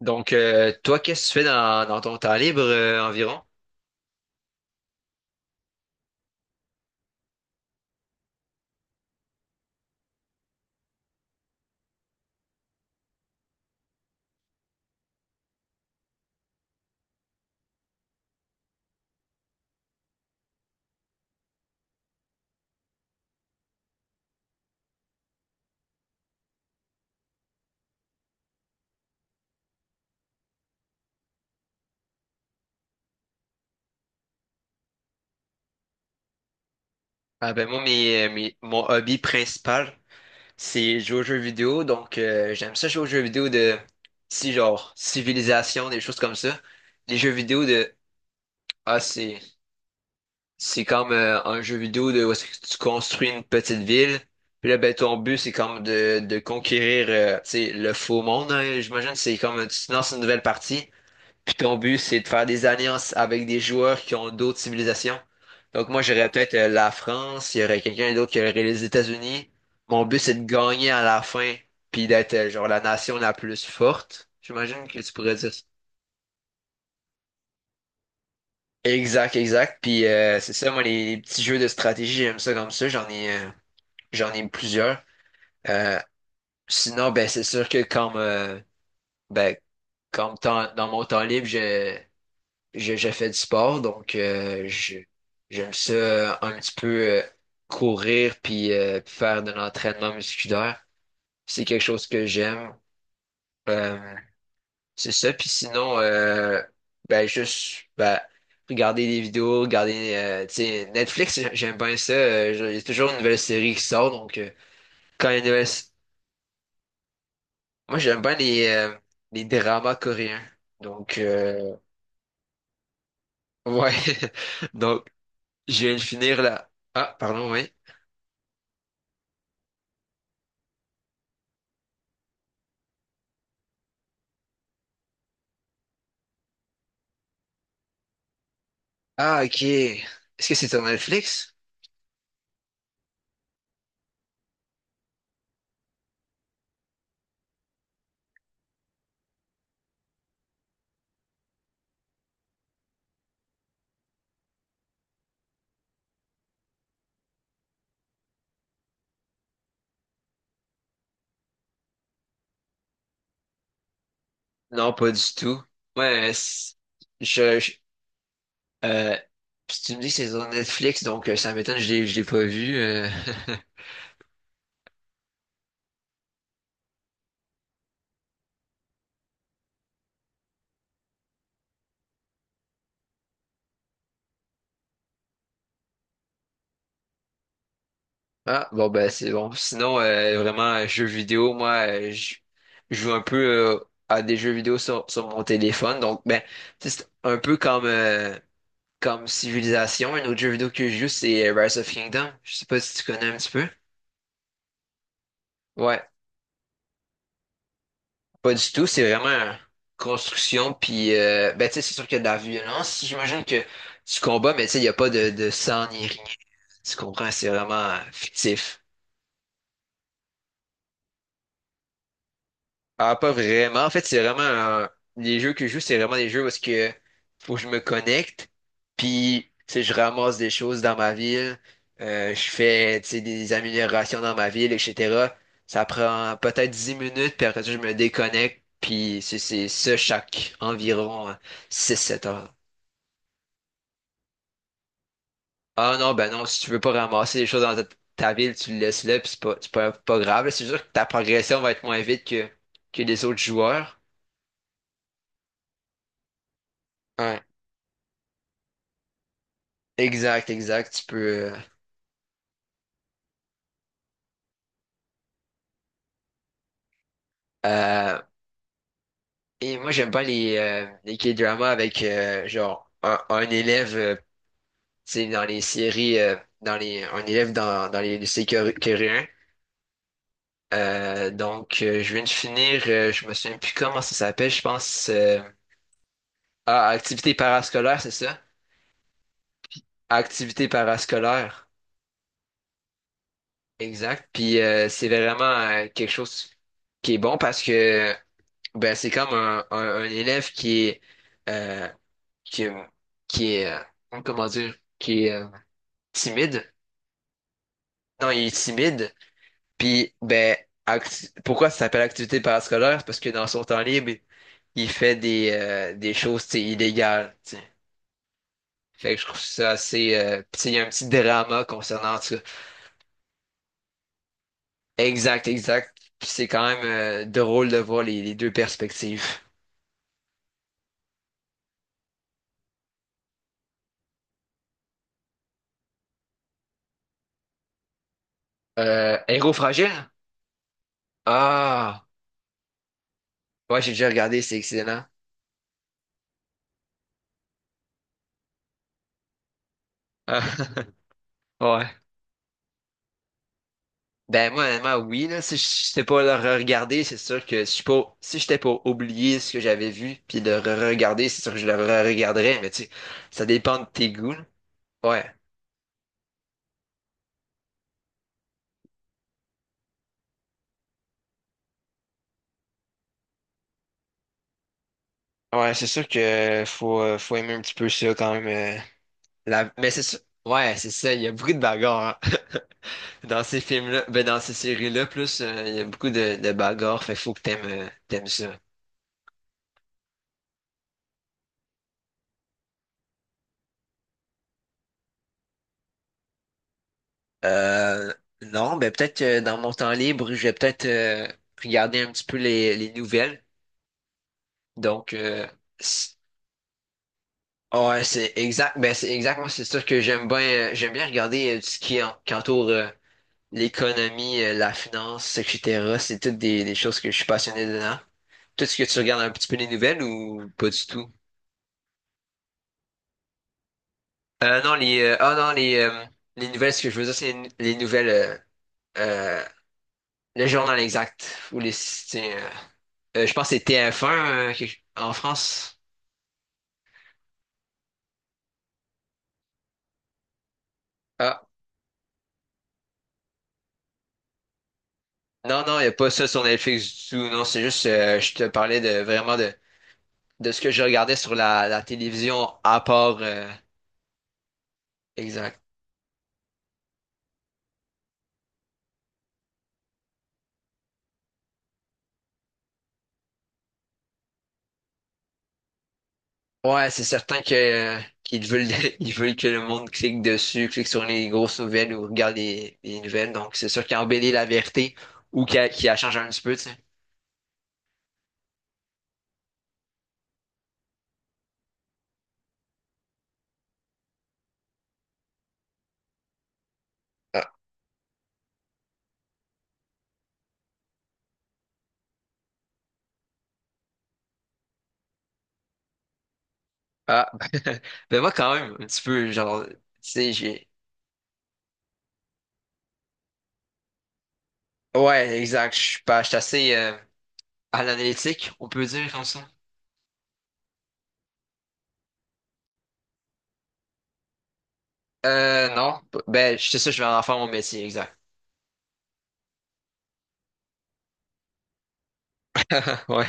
Donc, toi, qu'est-ce que tu fais dans ton temps libre environ? Ah ben moi, mon hobby principal, c'est jouer aux jeux vidéo. Donc, j'aime ça jouer aux jeux vidéo de si genre civilisation, des choses comme ça. Les jeux vidéo de Ah, c'est comme un jeu vidéo de où est-ce que tu construis une petite ville. Puis là, ben ton but, c'est comme de conquérir tu sais, le faux monde, hein. J'imagine que c'est comme tu te lances une nouvelle partie. Puis ton but, c'est de faire des alliances avec des joueurs qui ont d'autres civilisations. Donc moi, j'aurais peut-être la France, il y aurait quelqu'un d'autre qui aurait les États-Unis. Mon but, c'est de gagner à la fin, puis d'être genre la nation la plus forte. J'imagine que tu pourrais dire ça. Exact, exact. Puis c'est ça, moi, les petits jeux de stratégie, j'aime ça comme ça. J'en ai plusieurs. Euh, Sinon, ben c'est sûr que comme, ben, comme temps- dans mon temps libre, je fais du sport, donc j'aime ça un petit peu courir puis faire de l'entraînement musculaire. C'est quelque chose que j'aime. Euh, c'est ça. Puis sinon, ben juste ben, regarder des vidéos, regarder tu sais, Netflix, j'aime bien ça. Il y a toujours une nouvelle série qui sort, donc quand il y a une nouvelle... s- Moi, j'aime bien les dramas coréens. Donc, ouais. Donc, je viens de finir là. Ah, pardon, oui. Ah, ok. Est-ce que c'est sur Netflix? Non, pas du tout. Ouais, je, je- euh, si tu me dis que c'est sur Netflix, donc ça m'étonne, je l'ai pas vu. Ah, bon, ben, c'est bon. Sinon, vraiment, jeux vidéo, moi, je joue un peu euh, à des jeux vidéo sur mon téléphone. Donc, ben, tu sais, c'est un peu comme Civilization. Un autre jeu vidéo que je joue, c'est Rise of Kingdom. Je sais pas si tu connais un petit peu. Ouais. Pas du tout, c'est vraiment construction, puis ben, tu sais, c'est sûr qu'il y a de la violence. J'imagine que tu combats, mais tu sais, il n'y a pas de sang ni rien. Tu comprends, c'est vraiment fictif. Ah, pas vraiment. En fait, c'est vraiment, les jeux que je joue, c'est vraiment des jeux où est-ce que faut que je me connecte, puis tu sais, je ramasse des choses dans ma ville, je fais tu sais, des améliorations dans ma ville, etc. Ça prend peut-être 10 minutes, puis après ça, je me déconnecte, puis c'est ça chaque environ 6-7 heures. Ah non, ben non, si tu veux pas ramasser les choses dans ta ville, tu le laisses là, puis c'est pas grave, là. C'est sûr que ta progression va être moins vite que les autres joueurs. Ouais. Exact, exact. Tu peux. Euh, et moi, j'aime pas les K-dramas avec genre un élève, tu sais, dans les séries, un élève dans les lycées coréens. Donc, je viens de finir, je me souviens plus comment ça s'appelle, je pense. Ah, activité parascolaire, c'est ça? Activité parascolaire. Exact. Puis c'est vraiment quelque chose qui est bon parce que ben c'est comme un, un élève qui est euh, qui, qui est comment dire qui est timide. Non, il est timide. Puis ben pourquoi ça s'appelle activité parascolaire? C'est parce que dans son temps libre, il fait des choses tu sais, illégales, tu sais. Fait que je trouve ça assez. Puis tu sais, il y a un petit drama concernant ça. Exact, exact. Puis c'est quand même drôle de voir les deux perspectives. Héros fragile? Ah, ouais, j'ai déjà regardé, c'est excellent. Ah, ouais. Ben moi, honnêtement, oui, là, si j'étais pas le regarder c'est sûr que si j'étais pas oublié ce que j'avais vu, puis le re-regarder, c'est sûr que je le re-regarderais, mais tu sais, ça dépend de tes goûts, là. Ouais. Ouais, c'est sûr que faut aimer un petit peu ça quand même. euh, Mais c'est sûr. Ouais, c'est ça, il y a beaucoup de bagarres, hein. Dans ces films-là, ben dans ces séries-là, plus il y a beaucoup de bagarres, fait que faut que t'aimes ça. Euh, non, mais peut-être que dans mon temps libre, je vais peut-être regarder un petit peu les nouvelles. Donc, c- ouais, c'est exact. Ben, c'est exactement, c'est sûr que j'aime bien regarder tout ce qui est qui entoure l'économie, la finance, etc. C'est toutes des choses que je suis passionné dedans. Tout ce que tu regardes un petit peu les nouvelles ou pas du tout? Non, les, ah non, les nouvelles, ce que je veux dire, c'est les nouvelles, euh, le journal exact ou les, c'est. Je pense que c'est TF1, en France. Ah, non, non, il n'y a pas ça sur Netflix du tout. Non, c'est juste, je te parlais de vraiment de ce que je regardais sur la télévision à part, exact. Ouais, c'est certain que qu'ils veulent, ils veulent que le monde clique dessus, clique sur les grosses nouvelles ou regarde les nouvelles. Donc, c'est sûr qu'ils embellit la vérité ou qu'il a changé un petit peu, tu sais. Ah, ah. Ben moi, quand même, un petit peu, genre, tu sais, j'ai... Ouais, exact. Je suis pas, Je suis assez, à l'analytique, on peut dire comme ça. Non. Ben, je sais ça, je vais en faire mon métier, exact. Ouais.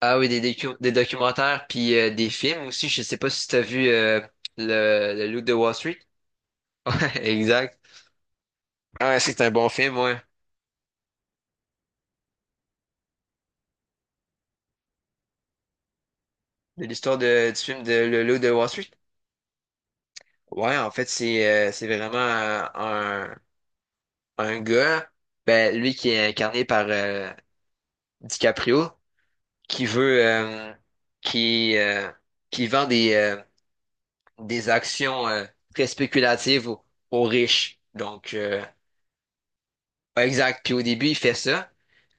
Ah oui, des documentaires, puis des films aussi. Je sais pas si t'as vu le Loup de Wall Street. Ouais, exact. Ah, ouais, c'est un bon film, ouais. De l'histoire du film de Le Loup de Wall Street. Ouais, en fait, c'est vraiment un, gars, ben, lui qui est incarné par DiCaprio, qui veut, euh, qui, euh, qui vend des actions très spéculatives aux riches. Donc, ouais, exact. Puis au début, il fait ça,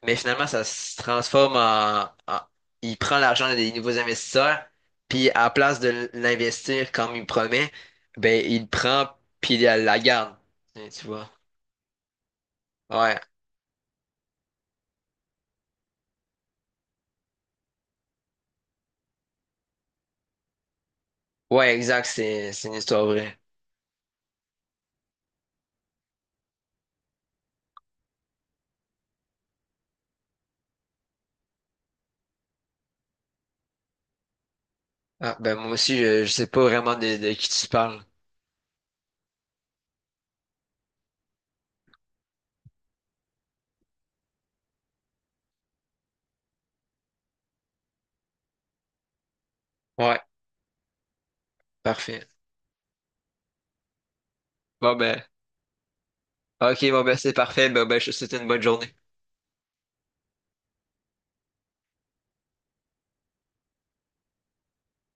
mais finalement, ça se transforme il prend l'argent des nouveaux investisseurs, puis à la place de l'investir comme il promet, ben il le prend puis il la garde. Tu vois. Ouais, ouais, exact. C'est une histoire vraie. Ah, ben moi aussi, je sais pas vraiment de qui tu parles. Ouais, parfait. Bon ben, ok, c'est parfait. Ben, je te souhaite une bonne journée.